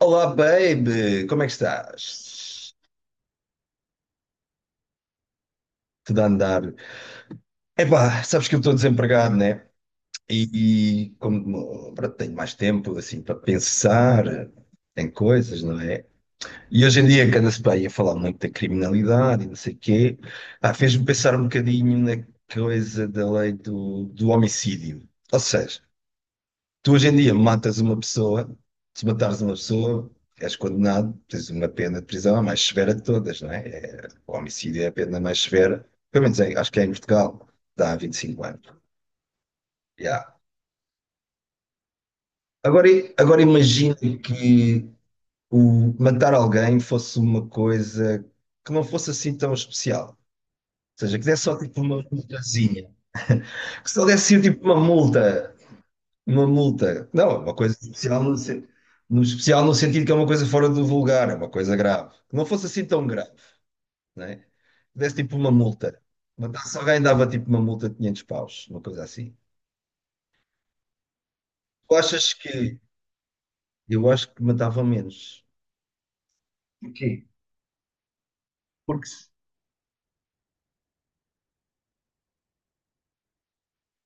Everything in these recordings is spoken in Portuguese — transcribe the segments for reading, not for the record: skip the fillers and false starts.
Olá, baby! Como é que estás? Tudo a andar? Epá, sabes que eu estou desempregado, né? E como pronto, tenho mais tempo assim para pensar em coisas, não é? E hoje em dia é que anda-se bem a falar muito da criminalidade e não sei o quê, ah, fez-me pensar um bocadinho na coisa da lei do homicídio. Ou seja, tu hoje em dia matas uma pessoa, se matares uma pessoa, és condenado, tens uma pena de prisão a mais severa de todas, não é? O homicídio é a pena mais severa, pelo menos acho que é em Portugal, dá 25 anos. Yeah. Agora, agora imagina que o matar alguém fosse uma coisa que não fosse assim tão especial. Ou seja, que desse só tipo uma multazinha. Que só desse tipo uma multa. Uma multa. Não, é uma coisa especial no especial no sentido que é uma coisa fora do vulgar, é uma coisa grave. Que não fosse assim tão grave, né? Desse tipo uma multa. Matasse alguém, dava tipo uma multa de 500 paus, uma coisa assim. Tu achas que. Eu acho que matava menos. Porquê? Porque.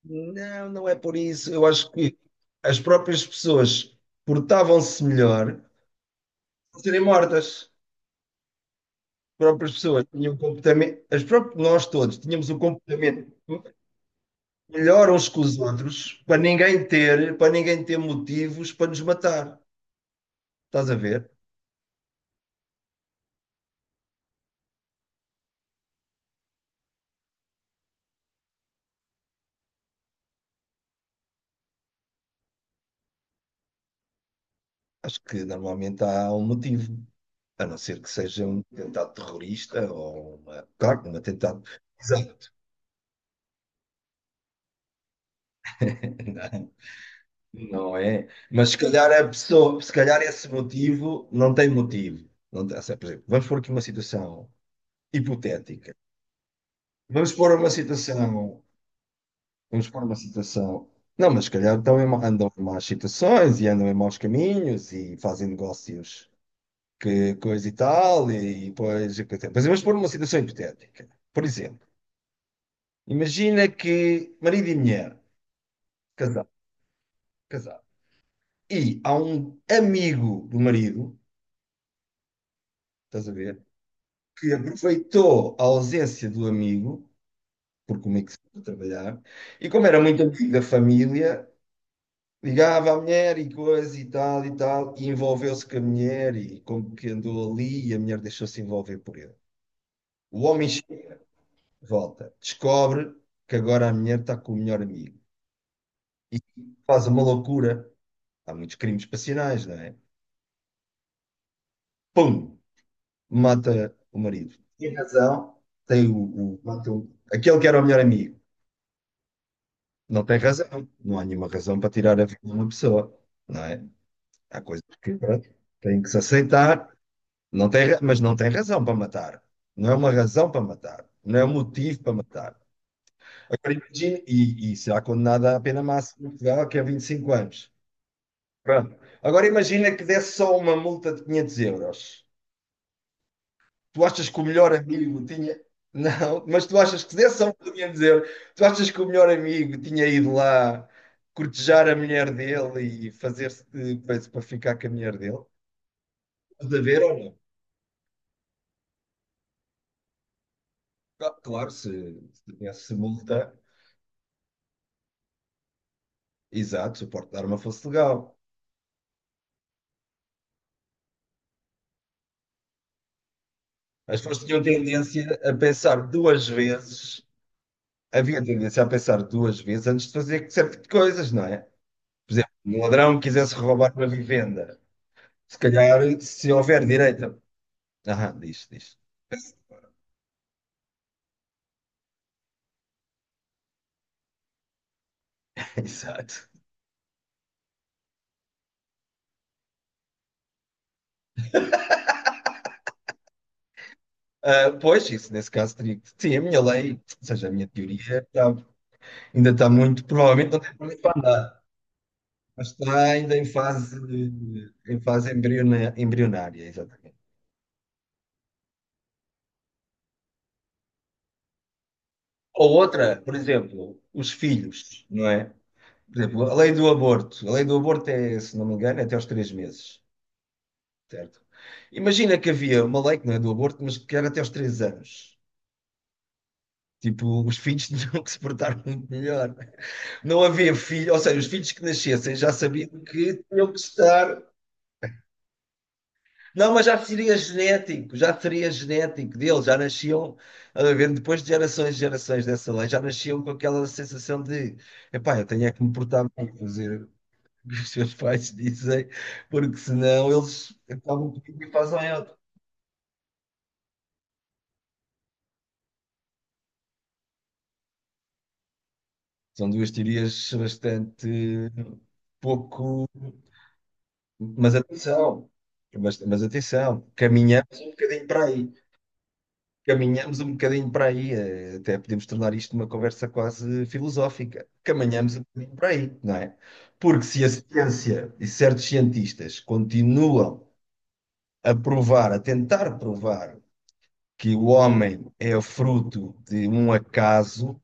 Não, não é por isso. Eu acho que as próprias pessoas portavam-se melhor por serem mortas. As próprias pessoas tinham um comportamento. As próprias. Nós todos tínhamos um comportamento. Melhoram-se com os outros para ninguém ter motivos para nos matar. Estás a ver? Acho que normalmente há um motivo. A não ser que seja um atentado terrorista ou uma, claro, um atentado. Exato. Não, não é. Mas se calhar a pessoa, se calhar esse motivo. Não tem- Ou seja, por exemplo, vamos pôr aqui uma situação hipotética. Vamos pôr uma situação vamos pôr uma situação. Não, mas se calhar estão em, andam em más situações e andam em maus caminhos e fazem negócios que coisa e tal, e depois. E coisa. Mas vamos pôr uma situação hipotética. Por exemplo, imagina que marido e mulher, casado, casado, e há um amigo do marido, estás a ver, que aproveitou a ausência do amigo, porque o amigo saiu a trabalhar, e como era muito amigo da família. Ligava à mulher e coisa e tal e tal, e envolveu-se com a mulher e como que andou ali e a mulher deixou-se envolver por ele. O homem chega de volta, descobre que agora a mulher está com o melhor amigo e faz uma loucura. Há muitos crimes passionais, não é? Pum! Mata o marido. Tem razão, tem mata aquele que era o melhor amigo. Não tem razão, não há nenhuma razão para tirar a vida de uma pessoa, não é? Há coisas que pronto, têm que se aceitar. Não tem, mas não tem razão para matar. Não é uma razão para matar. Não é um motivo para matar. Agora imagina, e será condenada à pena máxima em Portugal, que é 25 anos. Pronto. Agora imagina que desse só uma multa de 500 euros. Tu achas que o melhor amigo tinha. Não, mas tu achas que se desse só uma multa de 500 euros, tu achas que o melhor amigo tinha ido lá cortejar a mulher dele e fazer-se de coisa para ficar com a mulher dele? Estás a ver ou não? Claro, se se tivesse multa. Exato, se o porte de arma fosse legal. As pessoas tinham tendência a pensar duas vezes, havia tendência a pensar duas vezes antes de fazer certo tipo de coisas, não é? Por exemplo, um ladrão que quisesse roubar uma vivenda, se calhar, se houver direita. Ah, diz, diz. Exato. Ah, pois, isso nesse caso teria que. Sim, a minha lei, ou seja, a minha teoria, ainda está muito. Provavelmente não tem para onde andar, mas está ainda em fase embrionária, exato. Ou outra, por exemplo, os filhos, não é? Por exemplo, a lei do aborto. A lei do aborto é, se não me engano, é até aos 3 meses, certo? Imagina que havia uma lei que não é do aborto, mas que era até aos 3 anos. Tipo, os filhos tinham que se portar muito melhor. Não havia filho, ou seja, os filhos que nascessem já sabiam que tinham que estar. Não, mas já seria genético, deles, já nasciam, a ver, depois de gerações e gerações dessa lei, já nasciam com aquela sensação de, epá, eu tenho é que me portar bem, fazer, que os seus pais dizem, porque senão eles acabam por ir e fazem outra. São duas teorias bastante pouco. Mas atenção, mas atenção, caminhamos um bocadinho para aí. Caminhamos um bocadinho para aí, até podemos tornar isto uma conversa quase filosófica. Caminhamos um bocadinho para aí, não é? Porque se a ciência e certos cientistas continuam a provar, a tentar provar que o homem é fruto de um acaso,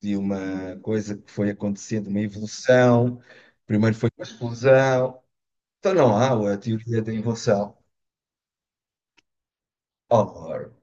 de uma coisa que foi acontecendo, uma evolução. Primeiro foi uma explosão. Então não há a teoria da evolução horror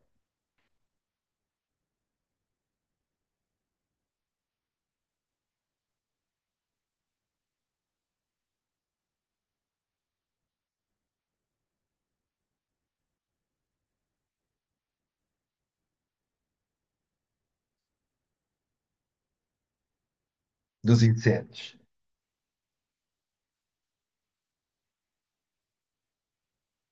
dos incêndios.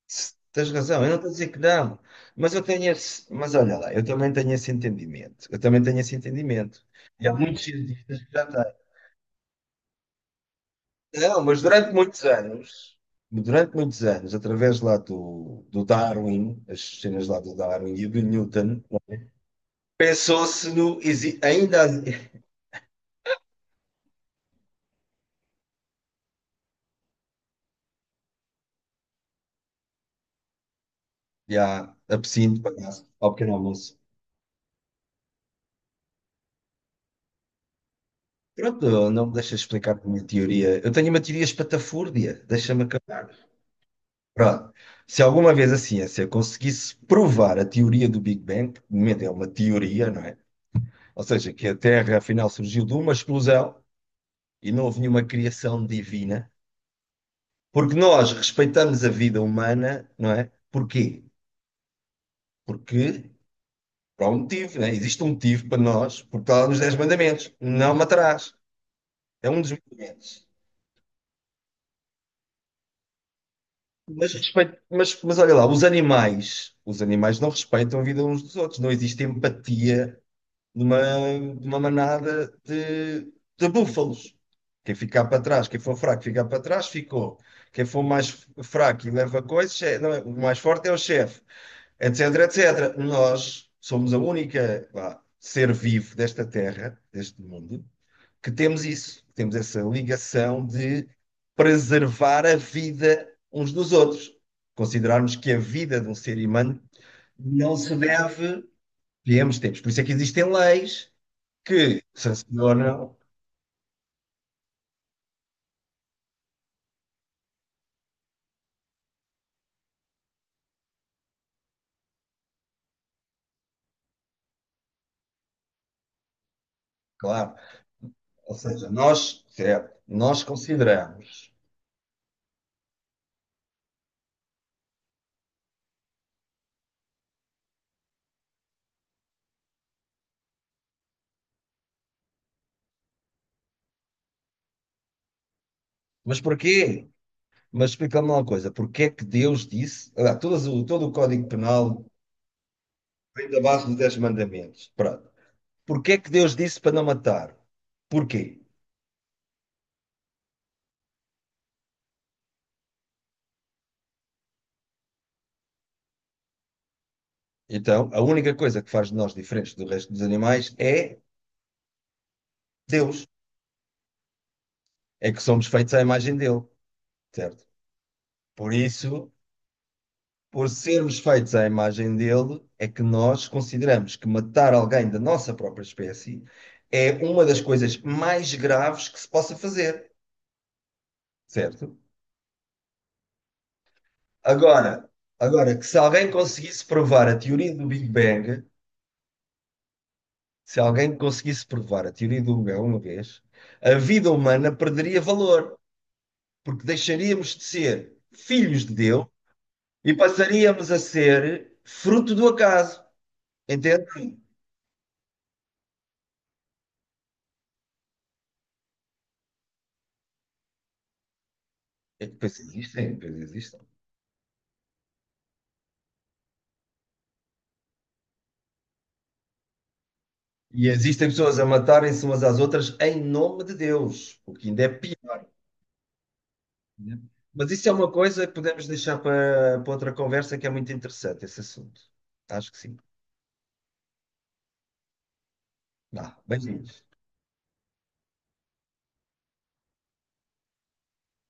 Tens razão, eu não estou a dizer que não, mas eu tenho esse, mas olha lá, eu também tenho esse entendimento. Eu também tenho esse entendimento. E há muitos cientistas que já têm. Não, mas durante muitos anos, através lá do Darwin, as cenas lá do Darwin e do Newton, pensou-se no. Ainda. Já, absinto, palhaço, ao pequeno almoço. Pronto, não me deixas explicar a minha teoria. Eu tenho uma teoria espatafúrdia, deixa-me acabar. Pronto, se alguma vez a ciência conseguisse provar a teoria do Big Bang, que de momento é uma teoria, não é? Ou seja, que a Terra afinal surgiu de uma explosão e não houve nenhuma criação divina, porque nós respeitamos a vida humana, não é? Porquê? Porque, por um motivo, não é? Existe um motivo para nós, porque está lá nos 10 mandamentos, não matarás. É um dos mandamentos. Mas, respeito, mas olha lá, os animais não respeitam a vida uns dos outros, não existe empatia numa, numa manada de búfalos. Quem ficar para trás, quem for fraco ficar para trás, ficou. Quem for mais fraco e leva coisas, é- não é- o mais forte é o chefe, etc, etc. Nós somos a única, vá, ser vivo desta terra, deste mundo, que temos isso, que temos essa ligação de preservar a vida uns dos outros. Considerarmos que a vida de um ser humano não se deve viemos tempos. Por isso é que existem leis que sancionam, claro. Ou seja, nós, certo, nós consideramos. Mas porquê? Mas explica-me uma coisa, porquê é que Deus disse, ah, todo o Código Penal vem da base dos 10 mandamentos, pronto. Porquê é que Deus disse para não matar? Porquê? Então, a única coisa que faz de nós diferentes do resto dos animais é Deus. É que somos feitos à imagem dele, certo? Por isso, por sermos feitos à imagem dele, é que nós consideramos que matar alguém da nossa própria espécie é uma das coisas mais graves que se possa fazer, certo? Agora, agora que se alguém conseguisse provar a teoria do Big Bang, se alguém conseguisse provar a teoria do Big Bang uma vez, a vida humana perderia valor. Porque deixaríamos de ser filhos de Deus e passaríamos a ser fruto do acaso. Entende? É que. Pois existem, pois existem. E existem pessoas a matarem-se umas às outras em nome de Deus, o que ainda é pior. Né? Mas isso é uma coisa que podemos deixar para outra conversa que é muito interessante esse assunto. Acho que sim. Dá. Beijinhos.